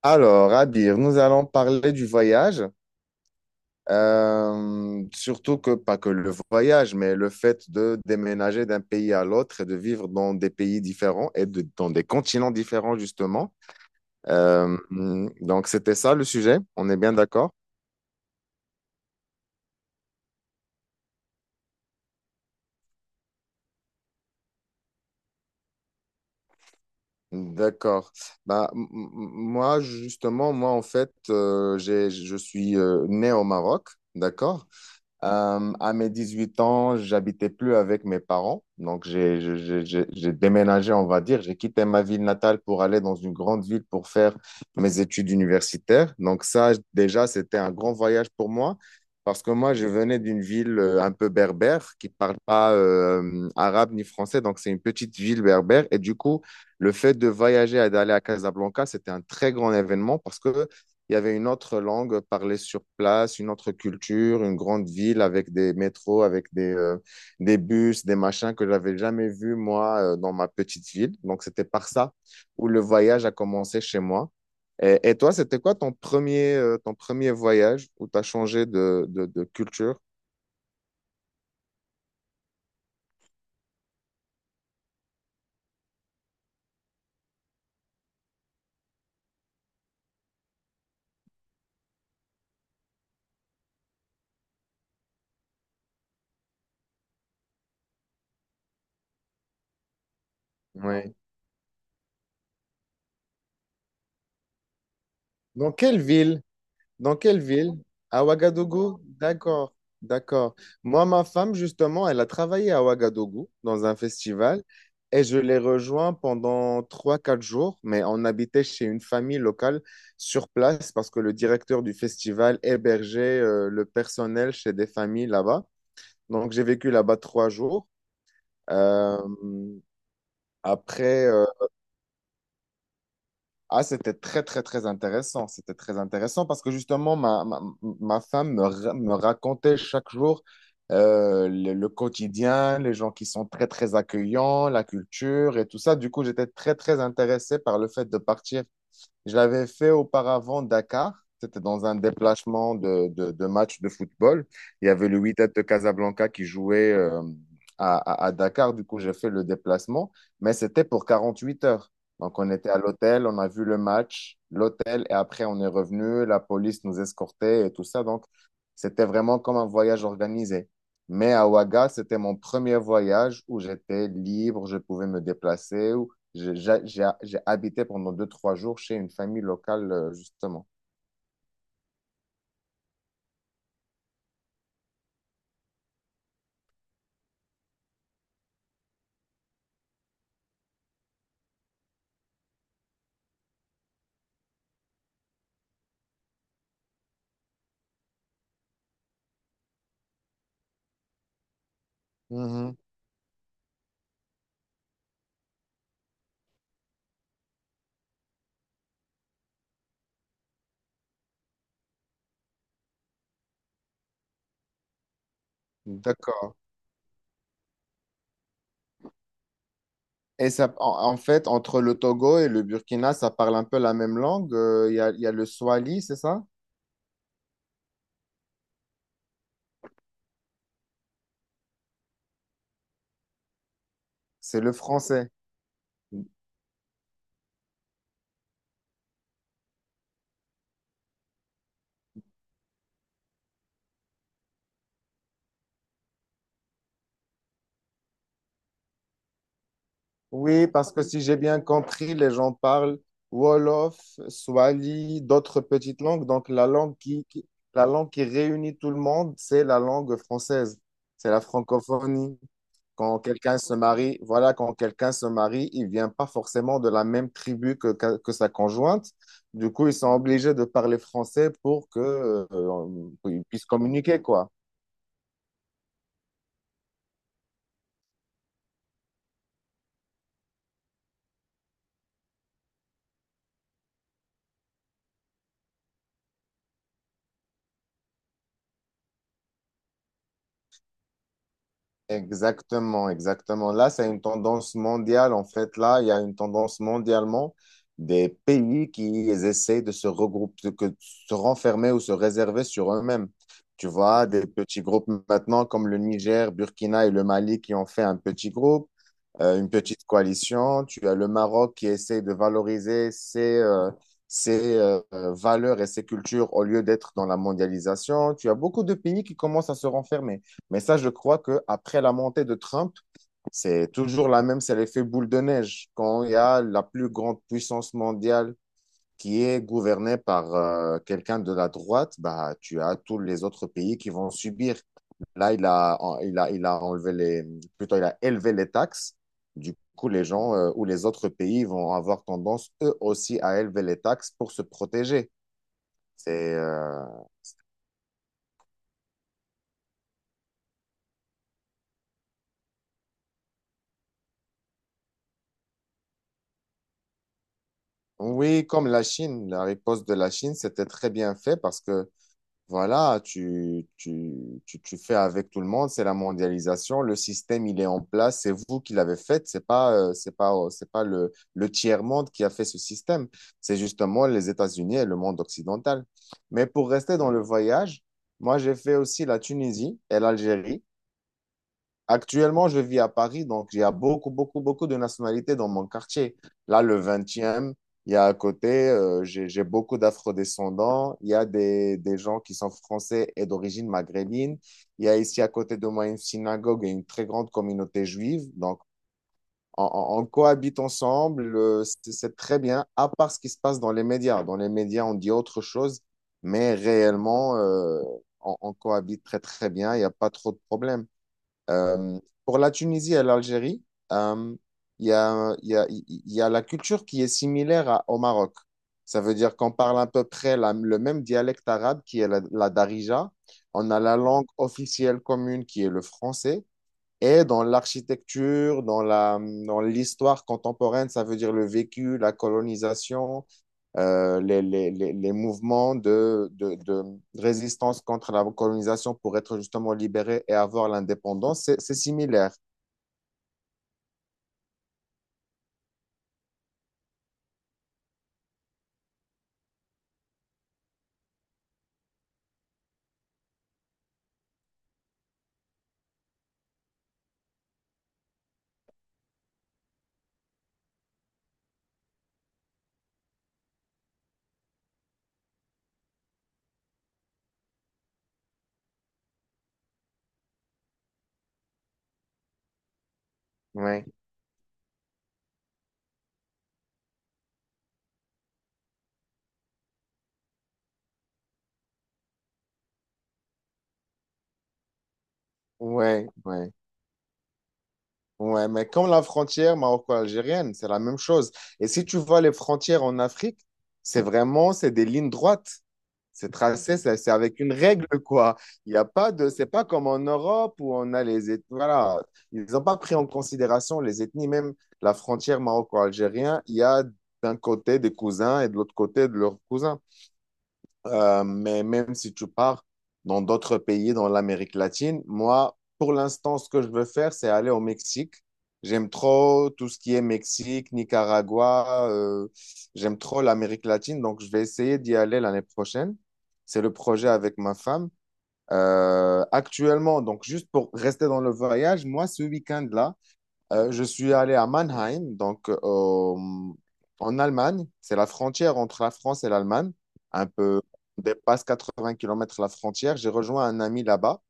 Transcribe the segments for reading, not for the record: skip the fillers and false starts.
Alors, Abir, nous allons parler du voyage. Surtout que, pas que le voyage, mais le fait de déménager d'un pays à l'autre et de vivre dans des pays différents et dans des continents différents, justement. Euh, donc, c'était ça le sujet. On est bien d'accord? D'accord. Bah, moi, justement, moi, en fait, je suis né au Maroc, d'accord? À mes 18 ans, j'habitais plus avec mes parents. Donc, j'ai je- j'ai déménagé, on va dire. J'ai quitté ma ville natale pour aller dans une grande ville pour faire mes études universitaires. Donc, ça, déjà, c'était un grand voyage pour moi parce que moi, je venais d'une ville un peu berbère qui parle pas arabe ni français. Donc, c'est une petite ville berbère. Et du coup, le fait de voyager et d'aller à Casablanca, c'était un très grand événement parce que il y avait une autre langue parlée sur place, une autre culture, une grande ville avec des métros, avec des bus, des machins que j'avais jamais vus, moi, dans ma petite ville. Donc, c'était par ça où le voyage a commencé chez moi. Et toi, c'était quoi ton premier voyage où tu as changé de culture? Ouais. Dans quelle ville? Dans quelle ville? À Ouagadougou? D'accord, d'accord. Moi, ma femme, justement, elle a travaillé à Ouagadougou dans un festival et je l'ai rejoint pendant 3, 4 jours, mais on habitait chez une famille locale sur place parce que le directeur du festival hébergeait le personnel chez des familles là-bas. Donc, j'ai vécu là-bas 3 jours. Euh, après, ah, c'était très, très, très intéressant. C'était très intéressant parce que justement, ma femme me racontait chaque jour le quotidien, les gens qui sont très, très accueillants, la culture et tout ça. Du coup, j'étais très, très intéressé par le fait de partir je l'avais fait auparavant Dakar. C'était dans un déplacement de match de football. Il y avait le Wydad de Casablanca qui jouait à Dakar. Du coup, j'ai fait le déplacement, mais c'était pour 48 heures. Donc, on était à l'hôtel, on a vu le match, l'hôtel, et après, on est revenu. La police nous escortait et tout ça. Donc, c'était vraiment comme un voyage organisé. Mais à Ouaga, c'était mon premier voyage où j'étais libre, je pouvais me déplacer, j'ai j'ai habité pendant 2, 3 jours chez une famille locale, justement. Mhm. D'accord. Et ça, en, en fait, entre le Togo et le Burkina, ça parle un peu la même langue. Il y a le Swahili, c'est ça? C'est le français. Oui, parce que si j'ai bien compris, les gens parlent Wolof, Swahili, d'autres petites langues. Donc, la langue qui réunit tout le monde, c'est la langue française. C'est la francophonie. Quand quelqu'un se marie, voilà, quand quelqu'un se marie, il vient pas forcément de la même tribu que sa conjointe. Du coup, ils sont obligés de parler français pour que, pour qu'ils puissent communiquer, quoi. Exactement, exactement. Là, c'est une tendance mondiale. En fait, là, il y a une tendance mondialement des pays qui essaient de se regrouper, que, se renfermer ou se réserver sur eux-mêmes. Tu vois, des petits groupes maintenant comme le Niger, Burkina et le Mali qui ont fait un petit groupe. Une petite coalition. Tu as le Maroc qui essaie de valoriser ses, ses valeurs et ses cultures au lieu d'être dans la mondialisation. Tu as beaucoup de pays qui commencent à se renfermer. Mais ça, je crois qu'après la montée de Trump, c'est toujours la même, c'est l'effet boule de neige. Quand il y a la plus grande puissance mondiale qui est gouvernée par quelqu'un de la droite, bah, tu as tous les autres pays qui vont subir. Là, il a enlevé les, plutôt, il a élevé les taxes. Du coup, les gens ou les autres pays vont avoir tendance, eux aussi, à élever les taxes pour se protéger. C'est, euh, Oui, comme la Chine, la riposte de la Chine, c'était très bien fait parce que voilà, tu fais avec tout le monde, c'est la mondialisation, le système, il est en place, c'est vous qui l'avez fait, c'est pas le tiers-monde qui a fait ce système, c'est justement les États-Unis et le monde occidental. Mais pour rester dans le voyage, moi j'ai fait aussi la Tunisie et l'Algérie. Actuellement, je vis à Paris, donc il y a beaucoup, beaucoup, beaucoup de nationalités dans mon quartier. Là, le 20, il y a à côté, j'ai beaucoup d'afro-descendants. Il y a des gens qui sont français et d'origine maghrébine. Il y a ici à côté de moi une synagogue et une très grande communauté juive. Donc, on cohabite ensemble. C'est très bien, à part ce qui se passe dans les médias. Dans les médias, on dit autre chose, mais réellement, on cohabite très, très bien. Il n'y a pas trop de problèmes. Pour la Tunisie et l'Algérie, euh, il y a la culture qui est similaire au Maroc. Ça veut dire qu'on parle à peu près le même dialecte arabe qui est la Darija. On a la langue officielle commune qui est le français. Et dans l'architecture, dans l'histoire contemporaine, ça veut dire le vécu, la colonisation, les mouvements de résistance contre la colonisation pour être justement libérés et avoir l'indépendance, c'est similaire. Oui, oui, oui. Ouais, mais comme la frontière maroco-algérienne, c'est la même chose. Et si tu vois les frontières en Afrique, c'est vraiment, c'est des lignes droites. C'est tracé, c'est avec une règle, quoi. Il n'y a pas de, c'est pas comme en Europe où on a les ethnies. Voilà, ils n'ont pas pris en considération les ethnies, même la frontière maroco-algérienne. Il y a d'un côté des cousins et de l'autre côté de leurs cousins. Mais même si tu pars dans d'autres pays, dans l'Amérique latine, moi, pour l'instant, ce que je veux faire, c'est aller au Mexique. J'aime trop tout ce qui est Mexique, Nicaragua. J'aime trop l'Amérique latine, donc je vais essayer d'y aller l'année prochaine. C'est le projet avec ma femme. Actuellement, donc juste pour rester dans le voyage, moi, ce week-end-là, je suis allé à Mannheim, donc en Allemagne. C'est la frontière entre la France et l'Allemagne. Un peu, on dépasse 80 km la frontière. J'ai rejoint un ami là-bas.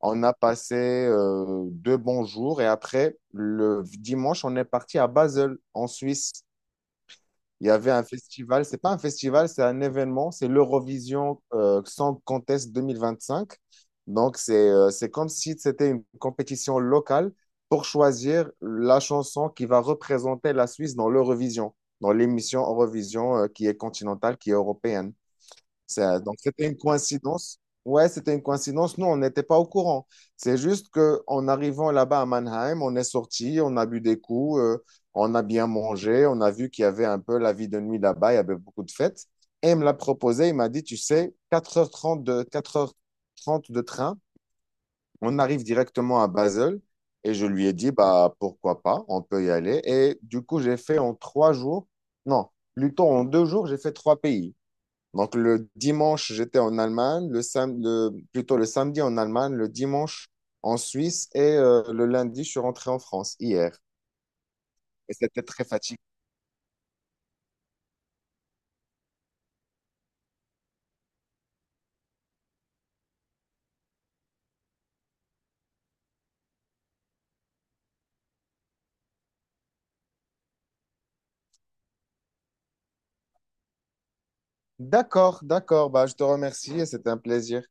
On a passé 2 bons jours et après, le dimanche, on est parti à Basel, en Suisse. Il y avait un festival, c'est pas un festival, c'est un événement, c'est l'Eurovision Song Contest 2025. Donc, c'est comme si c'était une compétition locale pour choisir la chanson qui va représenter la Suisse dans l'Eurovision, dans l'émission Eurovision qui est continentale, qui est européenne. Donc, c'était une coïncidence. Ouais, c'était une coïncidence. Nous, on n'était pas au courant. C'est juste que en arrivant là-bas à Mannheim, on est sorti, on a bu des coups, on a bien mangé, on a vu qu'il y avait un peu la vie de nuit là-bas, il y avait beaucoup de fêtes. Et il me l'a proposé, il m'a dit, tu sais, 4h30 de train, on arrive directement à Basel. Et je lui ai dit, bah, pourquoi pas, on peut y aller. Et du coup, j'ai fait en 3 jours, non, plutôt en 2 jours, j'ai fait trois pays. Donc le dimanche, j'étais en Allemagne, plutôt le samedi en Allemagne, le dimanche en Suisse et le lundi, je suis rentré en France hier. Et c'était très fatigué. D'accord, d'accord. Bah, je te remercie et c'était un plaisir.